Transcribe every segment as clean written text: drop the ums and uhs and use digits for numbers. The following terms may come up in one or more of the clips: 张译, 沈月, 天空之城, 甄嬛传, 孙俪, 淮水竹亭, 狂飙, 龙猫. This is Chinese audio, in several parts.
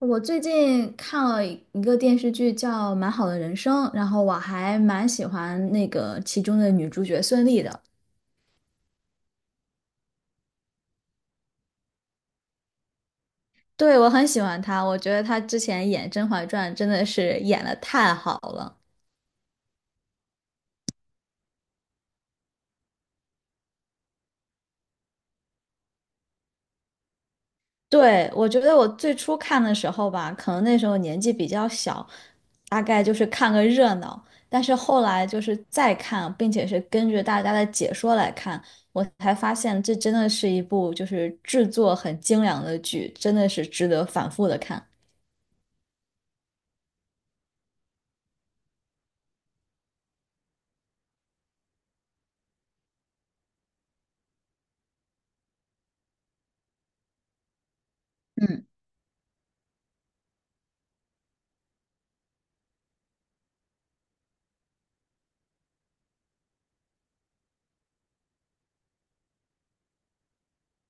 我最近看了一个电视剧叫《蛮好的人生》，然后我还蛮喜欢那个其中的女主角孙俪的。对，我很喜欢她，我觉得她之前演《甄嬛传》真的是演的太好了。对，我觉得我最初看的时候吧，可能那时候年纪比较小，大概就是看个热闹。但是后来就是再看，并且是根据大家的解说来看，我才发现这真的是一部就是制作很精良的剧，真的是值得反复的看。嗯，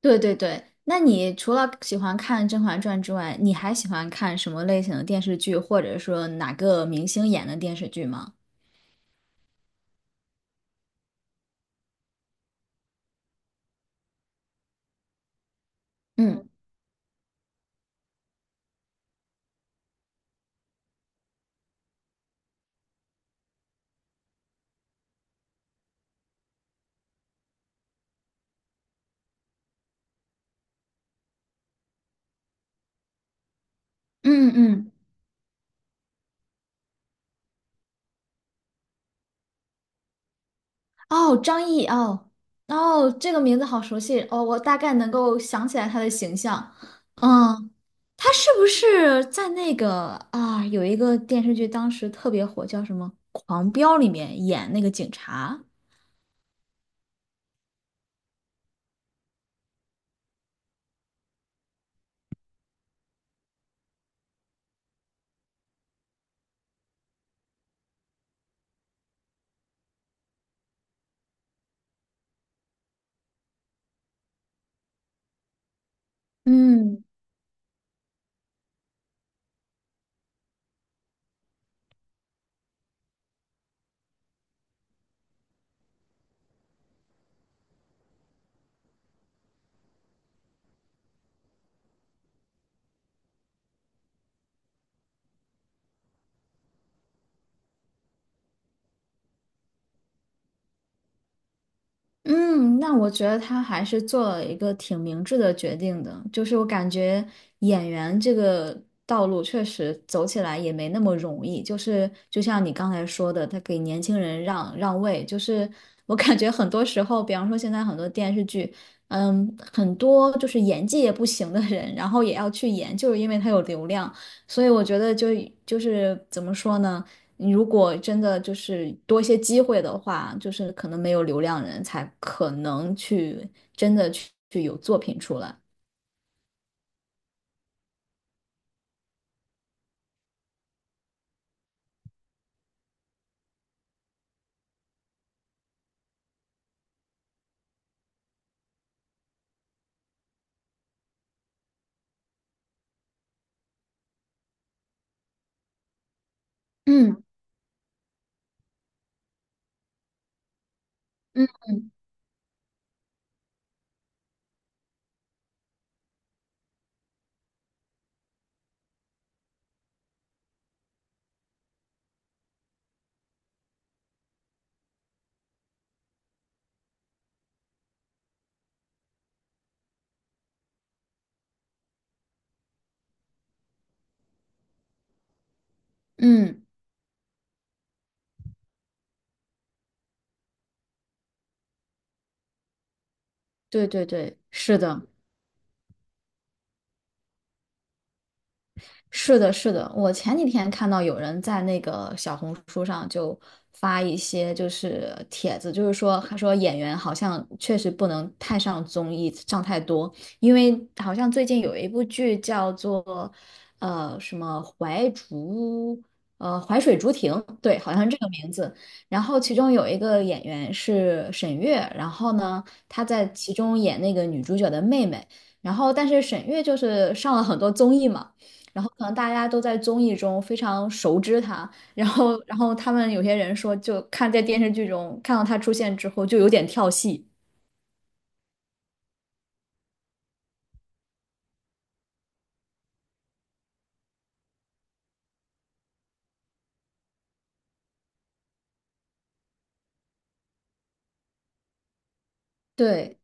对对对。那你除了喜欢看《甄嬛传》之外，你还喜欢看什么类型的电视剧，或者说哪个明星演的电视剧吗？嗯嗯嗯。哦，张译哦哦，这个名字好熟悉哦，我大概能够想起来他的形象。嗯，他是不是在那个啊有一个电视剧当时特别火，叫什么《狂飙》里面演那个警察？嗯，嗯，那我觉得他还是做了一个挺明智的决定的，就是我感觉演员这个道路确实走起来也没那么容易，就是就像你刚才说的，他给年轻人让位，就是我感觉很多时候，比方说现在很多电视剧，嗯，很多就是演技也不行的人，然后也要去演，就是因为他有流量，所以我觉得就是怎么说呢？你如果真的就是多一些机会的话，就是可能没有流量人才可能去真的去有作品出来。嗯嗯，对对对，是的。是的，是的，我前几天看到有人在那个小红书上就发一些就是帖子，就是说他说演员好像确实不能太上综艺，上太多，因为好像最近有一部剧叫做什么淮水竹亭，对，好像是这个名字。然后其中有一个演员是沈月，然后呢她在其中演那个女主角的妹妹，然后但是沈月就是上了很多综艺嘛。然后可能大家都在综艺中非常熟知他，然后他们有些人说，就看在电视剧中看到他出现之后，就有点跳戏。对，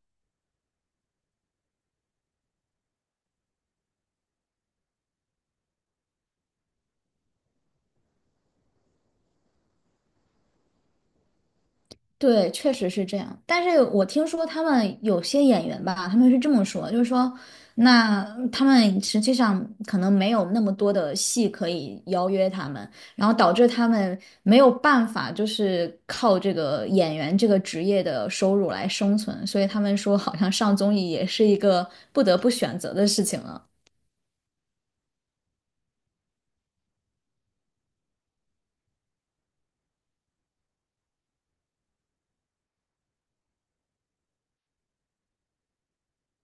对，确实是这样。但是我听说他们有些演员吧，他们是这么说，就是说，那他们实际上可能没有那么多的戏可以邀约他们，然后导致他们没有办法，就是靠这个演员这个职业的收入来生存，所以他们说，好像上综艺也是一个不得不选择的事情了。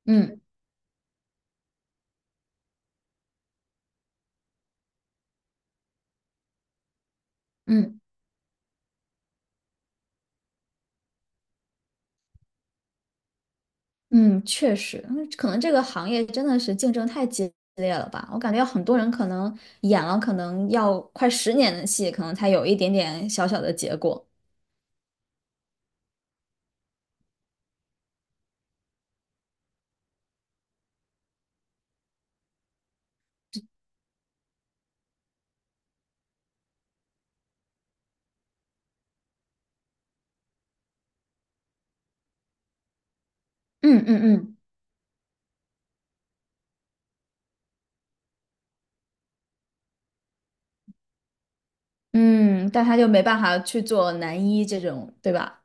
嗯嗯。嗯，确实，嗯可能这个行业真的是竞争太激烈了吧？我感觉很多人可能演了，可能要快10年的戏，可能才有一点点小小的结果。嗯嗯嗯嗯，但他就没办法去做男一这种，对吧？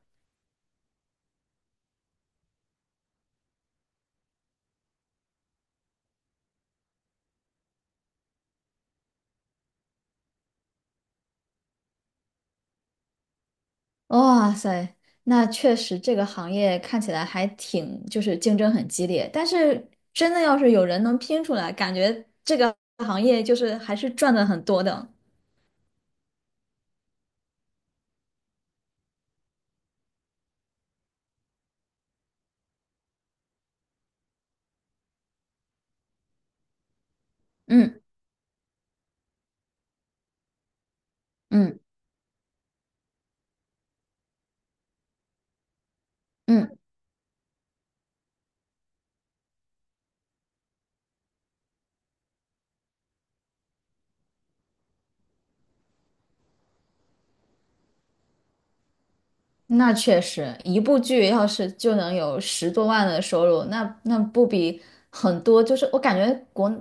哇塞，那确实这个行业看起来还挺，就是竞争很激烈。但是真的要是有人能拼出来，感觉这个行业就是还是赚的很多的。嗯嗯嗯。那确实，一部剧要是就能有10多万的收入，那不比很多？就是我感觉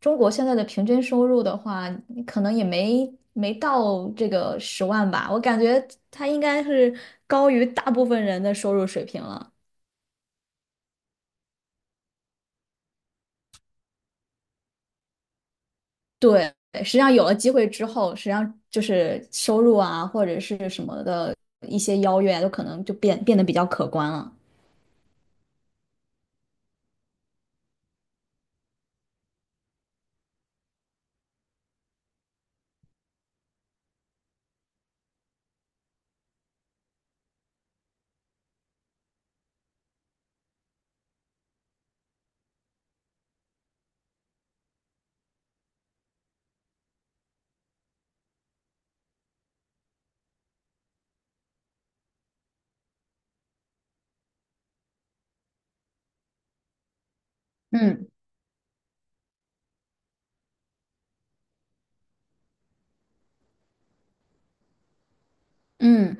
中国现在的平均收入的话，可能也没到这个10万吧。我感觉它应该是高于大部分人的收入水平了。对，实际上有了机会之后，实际上就是收入啊，或者是什么的一些邀约啊，都可能就变得比较可观了。嗯。嗯。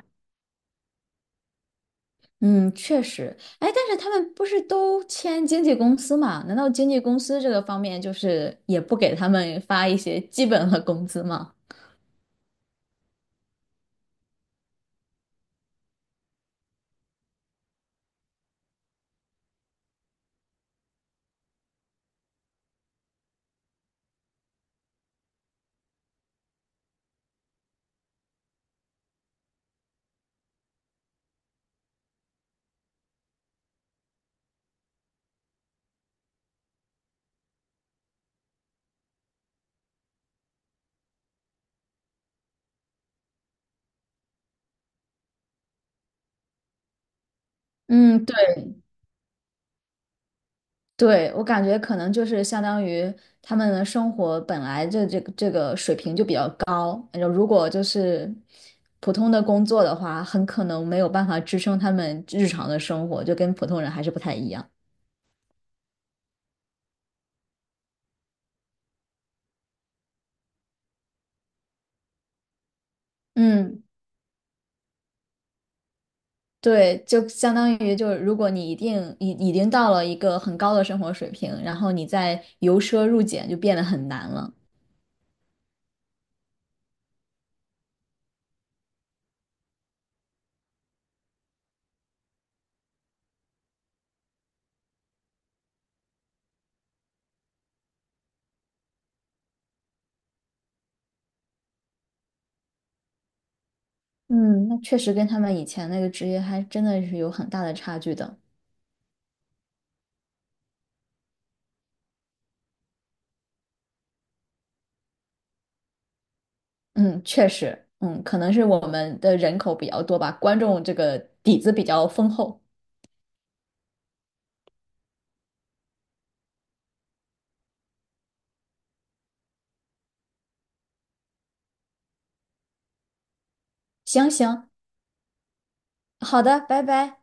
嗯，确实，哎，但是他们不是都签经纪公司嘛？难道经纪公司这个方面就是也不给他们发一些基本的工资吗？嗯，对对，我感觉可能就是相当于他们的生活本来这个水平就比较高，然后如果就是普通的工作的话，很可能没有办法支撑他们日常的生活，就跟普通人还是不太一样。嗯。对，就相当于就是，如果你一定已经到了一个很高的生活水平，然后你再由奢入俭就变得很难了。嗯，那确实跟他们以前那个职业还真的是有很大的差距的。嗯，确实，嗯，可能是我们的人口比较多吧，观众这个底子比较丰厚。行行，好的，拜拜。